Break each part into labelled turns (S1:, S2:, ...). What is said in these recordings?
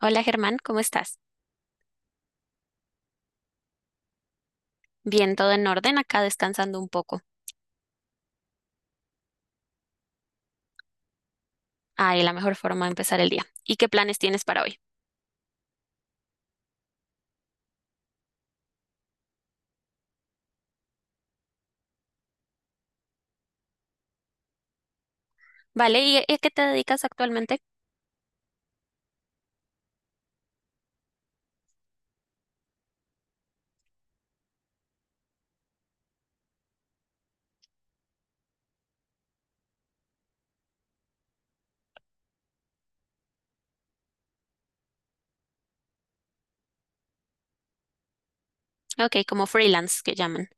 S1: Hola Germán, ¿cómo estás? Bien, todo en orden, acá descansando un poco. Ahí la mejor forma de empezar el día. ¿Y qué planes tienes para hoy? Vale, ¿y a qué te dedicas actualmente? Ok, como freelance que llaman.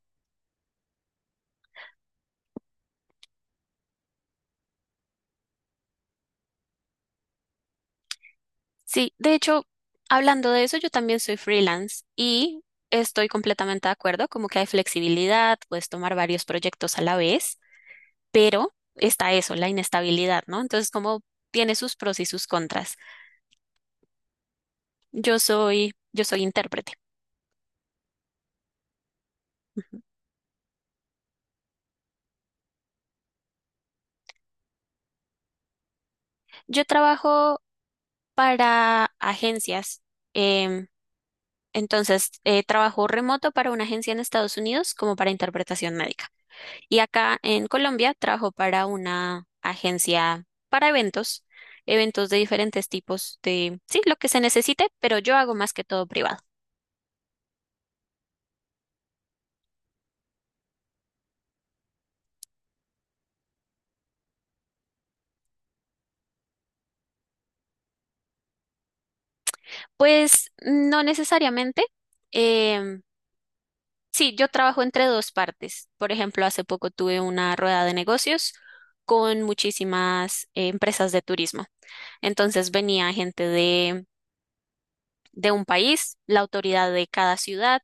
S1: Sí, de hecho, hablando de eso, yo también soy freelance y estoy completamente de acuerdo, como que hay flexibilidad, puedes tomar varios proyectos a la vez, pero está eso, la inestabilidad, ¿no? Entonces, como tiene sus pros y sus contras. Yo soy intérprete. Yo trabajo para agencias. Em, entonces, trabajo remoto para una agencia en Estados Unidos como para interpretación médica. Y acá en Colombia trabajo para una agencia para eventos, eventos de diferentes tipos de, sí, lo que se necesite, pero yo hago más que todo privado. Pues no necesariamente. em, sí, yo trabajo entre dos partes. Por ejemplo, hace poco tuve una rueda de negocios con muchísimas empresas de turismo. Entonces venía gente de un país, la autoridad de cada ciudad,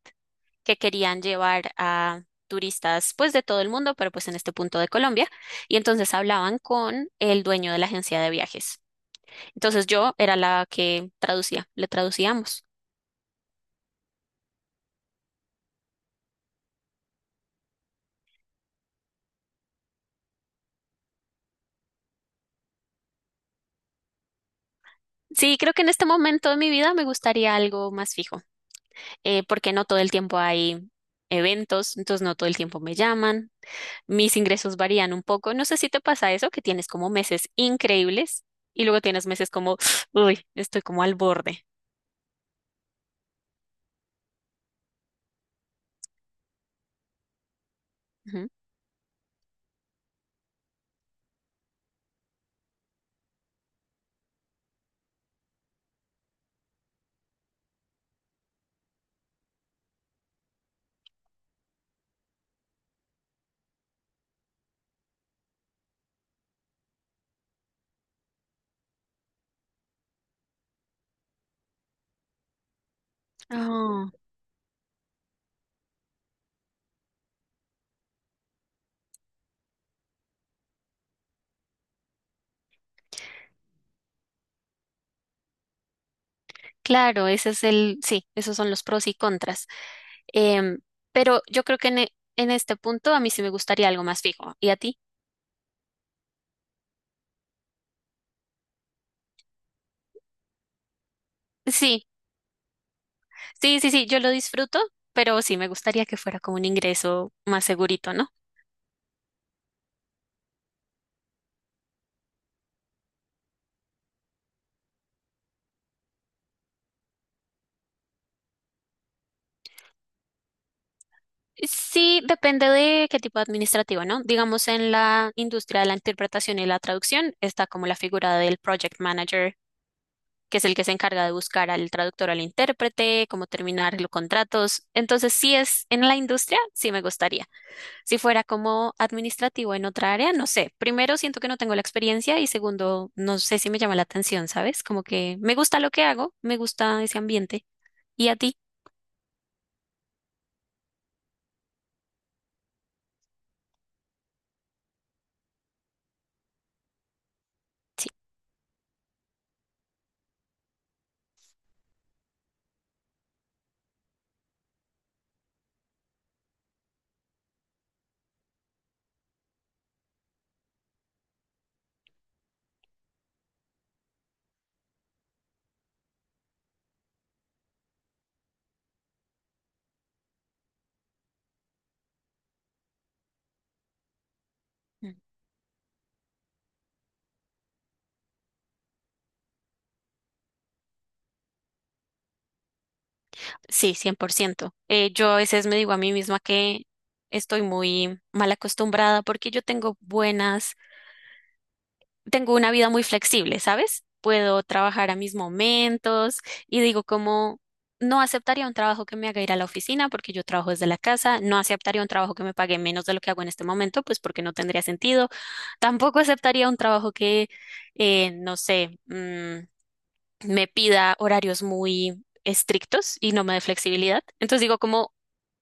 S1: que querían llevar a turistas pues de todo el mundo, pero pues en este punto de Colombia, y entonces hablaban con el dueño de la agencia de viajes. Entonces yo era la que traducía, le traducíamos. Sí, creo que en este momento de mi vida me gustaría algo más fijo, porque no todo el tiempo hay eventos, entonces no todo el tiempo me llaman, mis ingresos varían un poco. No sé si te pasa eso, que tienes como meses increíbles y luego tienes meses como, uy, estoy como al borde. Ujú. Oh, claro, ese es sí, esos son los pros y contras. Em, pero yo creo que en este punto a mí sí me gustaría algo más fijo. ¿Y a ti? Sí, sí, yo lo disfruto, pero sí me gustaría que fuera como un ingreso más segurito, ¿no? Sí, depende de qué tipo de administrativo, ¿no? Digamos, en la industria de la interpretación y la traducción está como la figura del project manager, que es el que se encarga de buscar al traductor, al intérprete, cómo terminar los contratos. Entonces, si es en la industria, sí me gustaría. Si fuera como administrativo en otra área, no sé. Primero, siento que no tengo la experiencia y segundo, no sé si me llama la atención, ¿sabes? Como que me gusta lo que hago, me gusta ese ambiente. ¿Y a ti? Sí, 100%. Yo a veces me digo a mí misma que estoy muy mal acostumbrada porque yo tengo buenas, tengo una vida muy flexible, ¿sabes? Puedo trabajar a mis momentos y digo como no aceptaría un trabajo que me haga ir a la oficina porque yo trabajo desde la casa, no aceptaría un trabajo que me pague menos de lo que hago en este momento, pues porque no tendría sentido. Tampoco aceptaría un trabajo que, no sé, me pida horarios muy estrictos y no me dé flexibilidad. Entonces digo como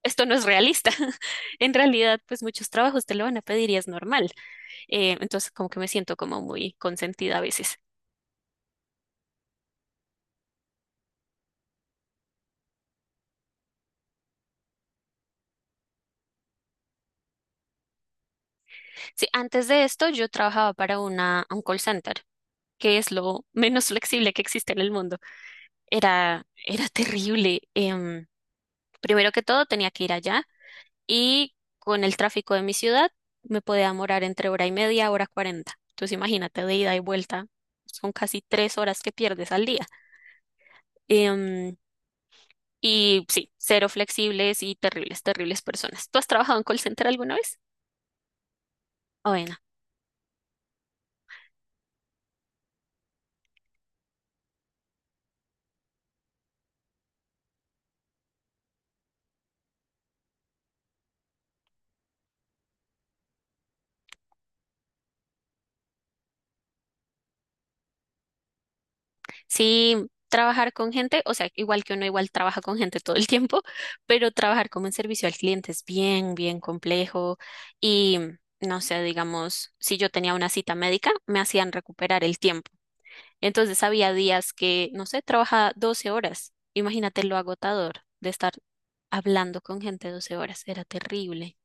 S1: esto no es realista. En realidad, pues muchos trabajos te lo van a pedir y es normal. Entonces, como que me siento como muy consentida a veces. Sí, antes de esto yo trabajaba para un call center, que es lo menos flexible que existe en el mundo. Era terrible. Primero que todo, tenía que ir allá y con el tráfico de mi ciudad me podía demorar entre hora y media, hora cuarenta. Entonces, imagínate de ida y vuelta. Son casi tres horas que pierdes al día. Em, Y sí, cero flexibles y terribles, terribles personas. ¿Tú has trabajado en call center alguna vez? Bueno, sí, trabajar con gente, o sea, igual que uno igual trabaja con gente todo el tiempo, pero trabajar como en servicio al cliente es bien, bien complejo y no sé, digamos, si yo tenía una cita médica, me hacían recuperar el tiempo. Entonces había días que, no sé, trabajaba 12 horas. Imagínate lo agotador de estar hablando con gente 12 horas, era terrible.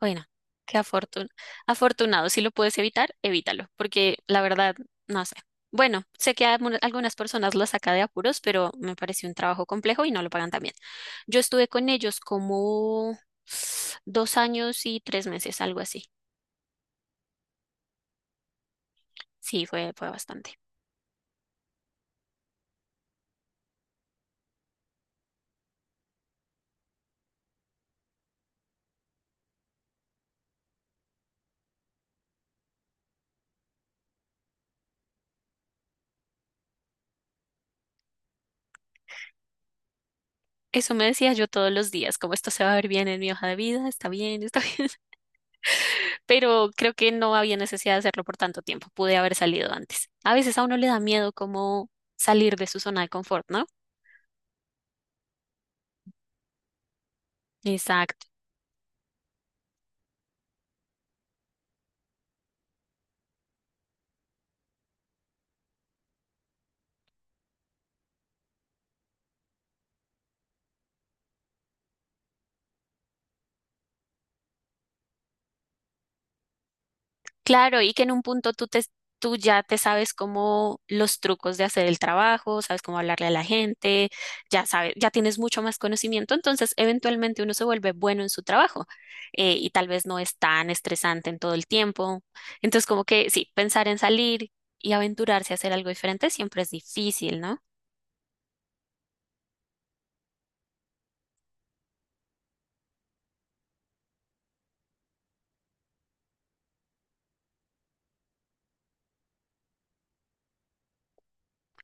S1: Bueno, qué afortun- afortunado. Si lo puedes evitar, evítalo, porque la verdad, no sé. Bueno, sé que a algunas personas las saca de apuros, pero me pareció un trabajo complejo y no lo pagan tan bien. Yo estuve con ellos como dos años y tres meses, algo así. Sí, fue bastante. Eso me decía yo todos los días, como esto se va a ver bien en mi hoja de vida, está bien, pero creo que no había necesidad de hacerlo por tanto tiempo, pude haber salido antes. A veces a uno le da miedo como salir de su zona de confort, ¿no? Exacto. Claro, y que en un punto tú ya te sabes cómo los trucos de hacer el trabajo, sabes cómo hablarle a la gente, ya sabes, ya tienes mucho más conocimiento, entonces eventualmente uno se vuelve bueno en su trabajo y tal vez no es tan estresante en todo el tiempo. Entonces, como que sí, pensar en salir y aventurarse a hacer algo diferente siempre es difícil, ¿no?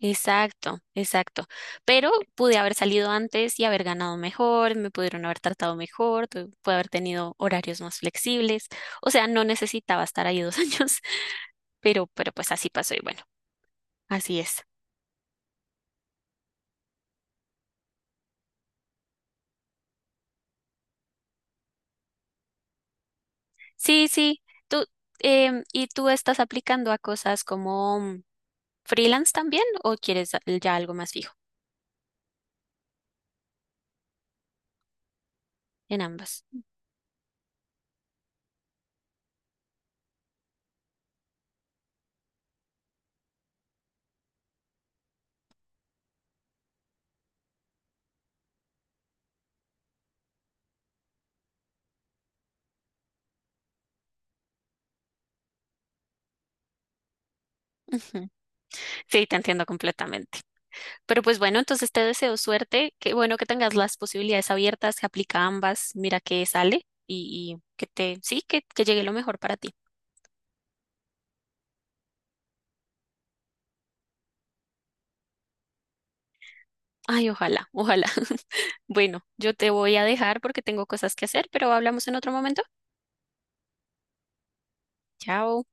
S1: Exacto, exacto. Pero pude haber salido antes y haber ganado mejor, me pudieron haber tratado mejor, pude haber tenido horarios más flexibles. O sea, no necesitaba estar ahí dos años, pero pues así pasó y bueno, así es. Sí, sí. Tú, ¿Y tú estás aplicando a cosas como freelance también o quieres ya algo más fijo? En ambas. Ujú. Sí, te entiendo completamente. Pero pues bueno, entonces te deseo suerte. Qué bueno que tengas las posibilidades abiertas, que aplica a ambas. Mira que sale y que te, sí, que llegue lo mejor para ti. Ay, ojalá, ojalá. Bueno, yo te voy a dejar porque tengo cosas que hacer, pero hablamos en otro momento. Chao.